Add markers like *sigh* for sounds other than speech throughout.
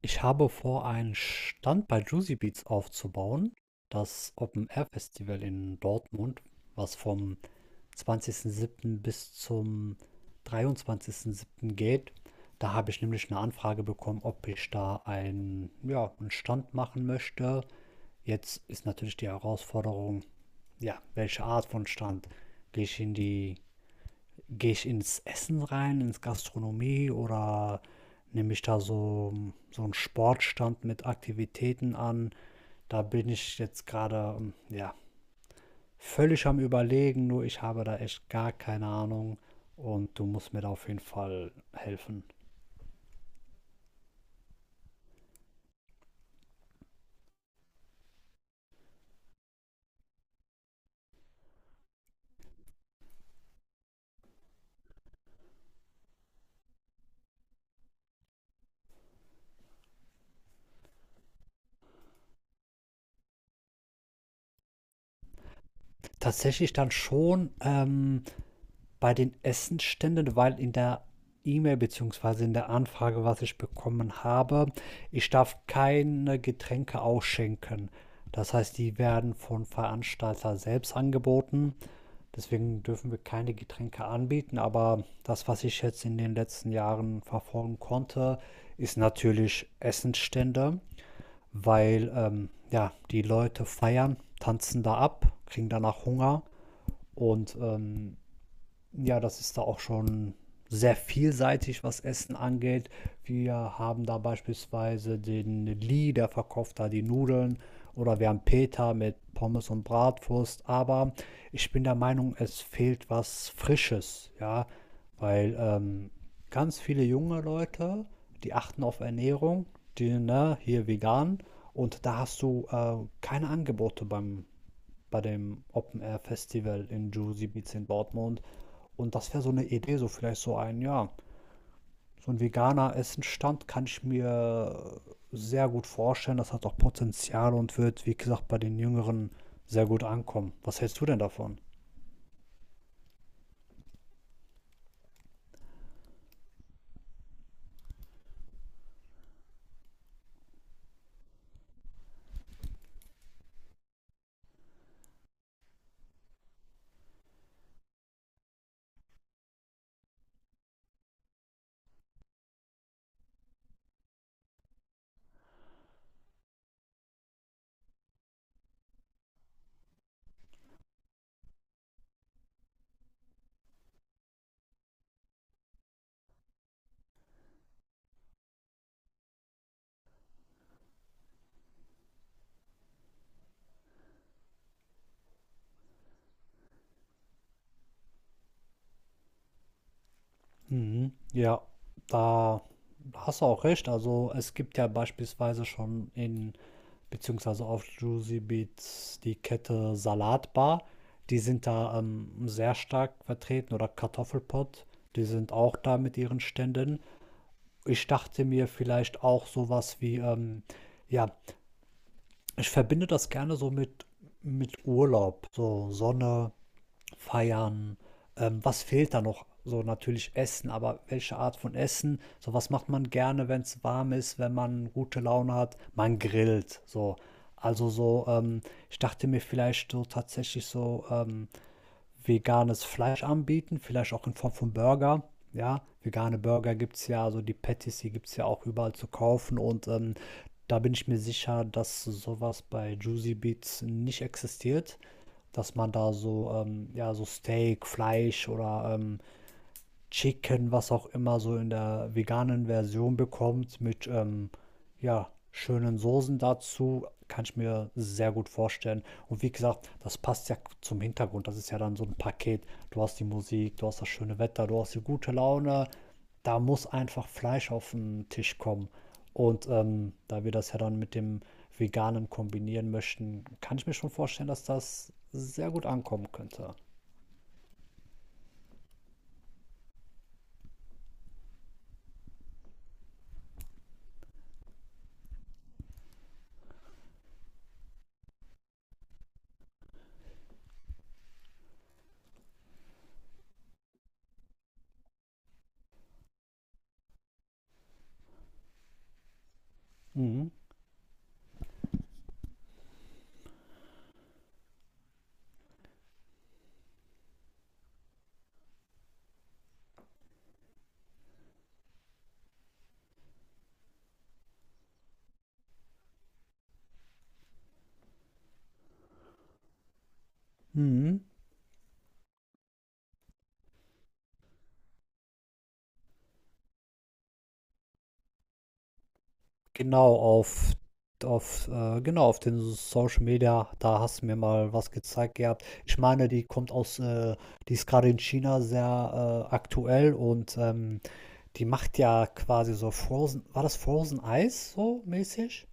Ich habe vor, einen Stand bei Juicy Beats aufzubauen. Das Open Air Festival in Dortmund, was vom 20.07. bis zum 23.07. geht. Da habe ich nämlich eine Anfrage bekommen, ob ich da einen, ja, einen Stand machen möchte. Jetzt ist natürlich die Herausforderung, ja, welche Art von Stand? Gehe ich in die Gehe ich ins Essen rein, ins Gastronomie oder nehme ich da so einen Sportstand mit Aktivitäten an? Da bin ich jetzt gerade, ja, völlig am Überlegen, nur ich habe da echt gar keine Ahnung und du musst mir da auf jeden Fall helfen. Tatsächlich dann schon bei den Essensständen, weil in der E-Mail beziehungsweise in der Anfrage, was ich bekommen habe, ich darf keine Getränke ausschenken. Das heißt, die werden von Veranstalter selbst angeboten. Deswegen dürfen wir keine Getränke anbieten, aber das, was ich jetzt in den letzten Jahren verfolgen konnte, ist natürlich Essensstände, weil ja, die Leute feiern, tanzen da ab, kriegen danach Hunger und ja, das ist da auch schon sehr vielseitig, was Essen angeht. Wir haben da beispielsweise den Lee, der verkauft da die Nudeln. Oder wir haben Peter mit Pommes und Bratwurst. Aber ich bin der Meinung, es fehlt was Frisches, ja. Weil ganz viele junge Leute, die achten auf Ernährung, die, ne, hier vegan. Und da hast du keine Angebote beim bei dem Open Air Festival in Juicy Beats in Dortmund. Und das wäre so eine Idee, so vielleicht so ein, ja, so ein veganer Essenstand kann ich mir sehr gut vorstellen. Das hat auch Potenzial und wird, wie gesagt, bei den Jüngeren sehr gut ankommen. Was hältst du denn davon? Mhm. Ja, da hast du auch recht. Also es gibt ja beispielsweise schon in, beziehungsweise auf Juicy Beats die Kette Salatbar. Die sind da sehr stark vertreten oder Kartoffelpott. Die sind auch da mit ihren Ständen. Ich dachte mir vielleicht auch sowas wie, ja, ich verbinde das gerne so mit Urlaub. So Sonne, Feiern. Was fehlt da noch? So natürlich Essen, aber welche Art von Essen? So was macht man gerne, wenn es warm ist, wenn man gute Laune hat? Man grillt. So. Also so, ich dachte mir vielleicht so tatsächlich so, veganes Fleisch anbieten, vielleicht auch in Form von Burger. Ja, vegane Burger gibt es ja, also die Patties, die gibt es ja auch überall zu kaufen und da bin ich mir sicher, dass sowas bei Juicy Beats nicht existiert, dass man da so, ja, so Steak, Fleisch oder Chicken, was auch immer, so in der veganen Version bekommt mit ja, schönen Soßen dazu, kann ich mir sehr gut vorstellen. Und wie gesagt, das passt ja zum Hintergrund. Das ist ja dann so ein Paket. Du hast die Musik, du hast das schöne Wetter, du hast die gute Laune. Da muss einfach Fleisch auf den Tisch kommen. Und da wir das ja dann mit dem Veganen kombinieren möchten, kann ich mir schon vorstellen, dass das sehr gut ankommen könnte. Mhm. Mhm. Genau, auf, genau, auf den Social Media, da hast du mir mal was gezeigt gehabt. Ich meine, die kommt aus, die ist gerade in China sehr aktuell und die macht ja quasi so Frozen, war das Frozen Eis so mäßig?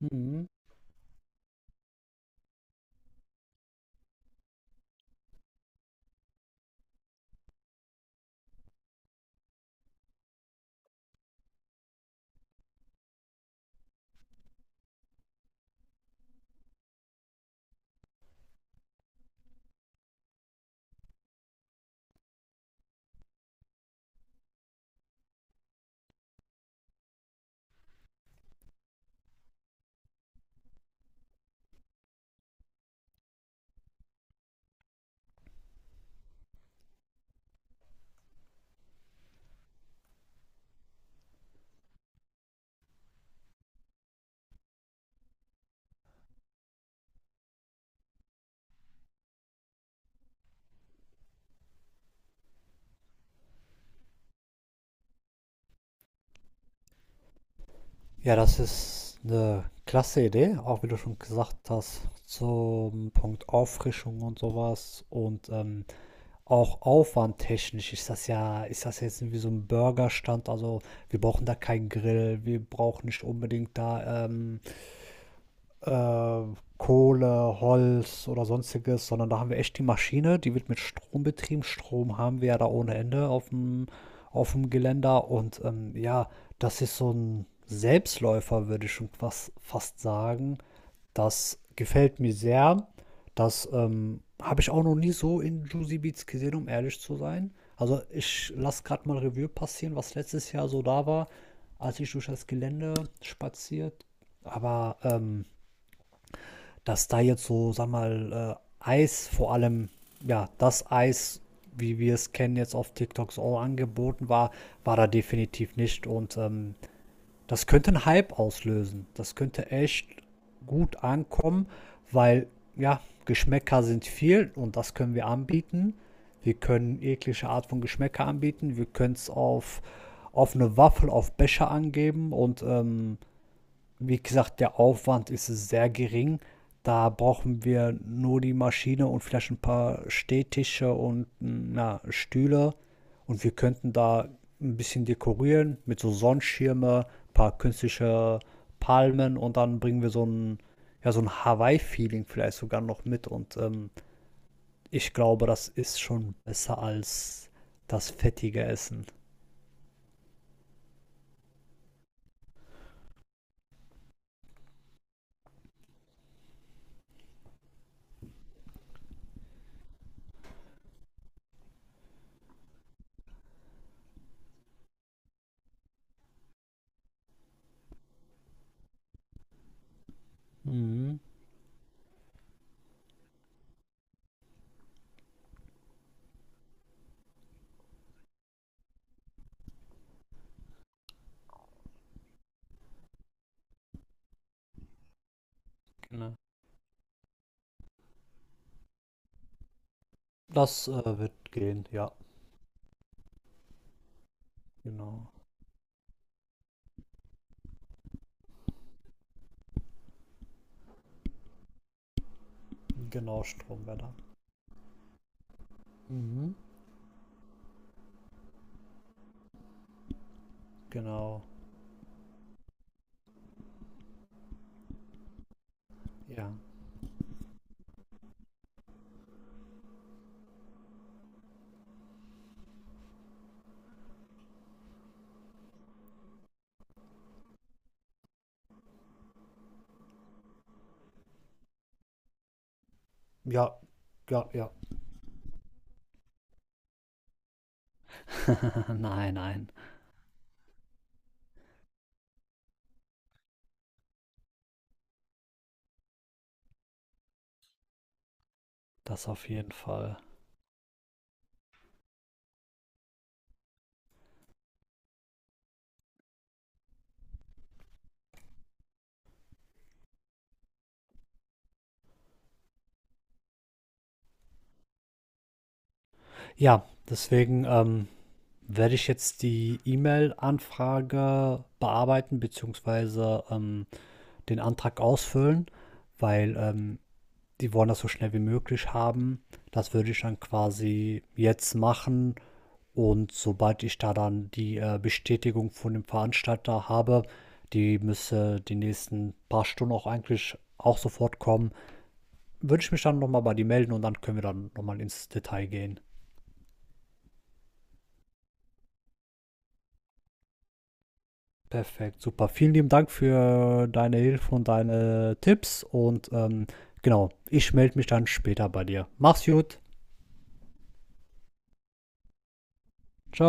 Mhm. Ja, das ist eine klasse Idee, auch wie du schon gesagt hast, zum Punkt Auffrischung und sowas. Und auch aufwandtechnisch ist das jetzt irgendwie so ein Burgerstand? Also, wir brauchen da keinen Grill, wir brauchen nicht unbedingt da, äh, Kohle, Holz oder sonstiges, sondern da haben wir echt die Maschine, die wird mit Strom betrieben. Strom haben wir ja da ohne Ende auf dem Geländer und ja, das ist so ein Selbstläufer, würde ich schon fast, fast sagen. Das gefällt mir sehr. Das habe ich auch noch nie so in Juicy Beats gesehen, um ehrlich zu sein. Also ich lasse gerade mal Revue passieren, was letztes Jahr so da war, als ich durch das Gelände spaziert. Aber dass da jetzt so, sag mal, Eis vor allem, ja, das Eis, wie wir es kennen, jetzt auf TikTok so angeboten war, war da definitiv nicht. Und das könnte einen Hype auslösen. Das könnte echt gut ankommen, weil, ja, Geschmäcker sind viel und das können wir anbieten. Wir können jegliche Art von Geschmäcker anbieten. Wir können es auf eine Waffel, auf Becher angeben und wie gesagt, der Aufwand ist sehr gering. Da brauchen wir nur die Maschine und vielleicht ein paar Stehtische und na, Stühle. Und wir könnten da ein bisschen dekorieren mit so Sonnenschirme, ein paar künstliche Palmen und dann bringen wir so ein, ja, so ein Hawaii-Feeling vielleicht sogar noch mit. Und ich glaube, das ist schon besser als das fettige Essen. Mhm, genau. Das wird gehen, ja. Genau. Genau, Stromwetter. Mhm, genau. Ja. Ja, ja, ja. *laughs* Nein, nein. Das auf jeden Fall. Ja, deswegen werde ich jetzt die E-Mail-Anfrage bearbeiten, beziehungsweise den Antrag ausfüllen, weil die wollen das so schnell wie möglich haben. Das würde ich dann quasi jetzt machen. Und sobald ich da dann die, Bestätigung von dem Veranstalter habe, die müsste die nächsten paar Stunden auch eigentlich auch sofort kommen, würde ich mich dann nochmal, bei dir melden und dann können wir dann nochmal ins Detail gehen. Perfekt, super. Vielen lieben Dank für deine Hilfe und deine Tipps und, genau, ich melde mich dann später bei dir. Mach's gut. Ciao.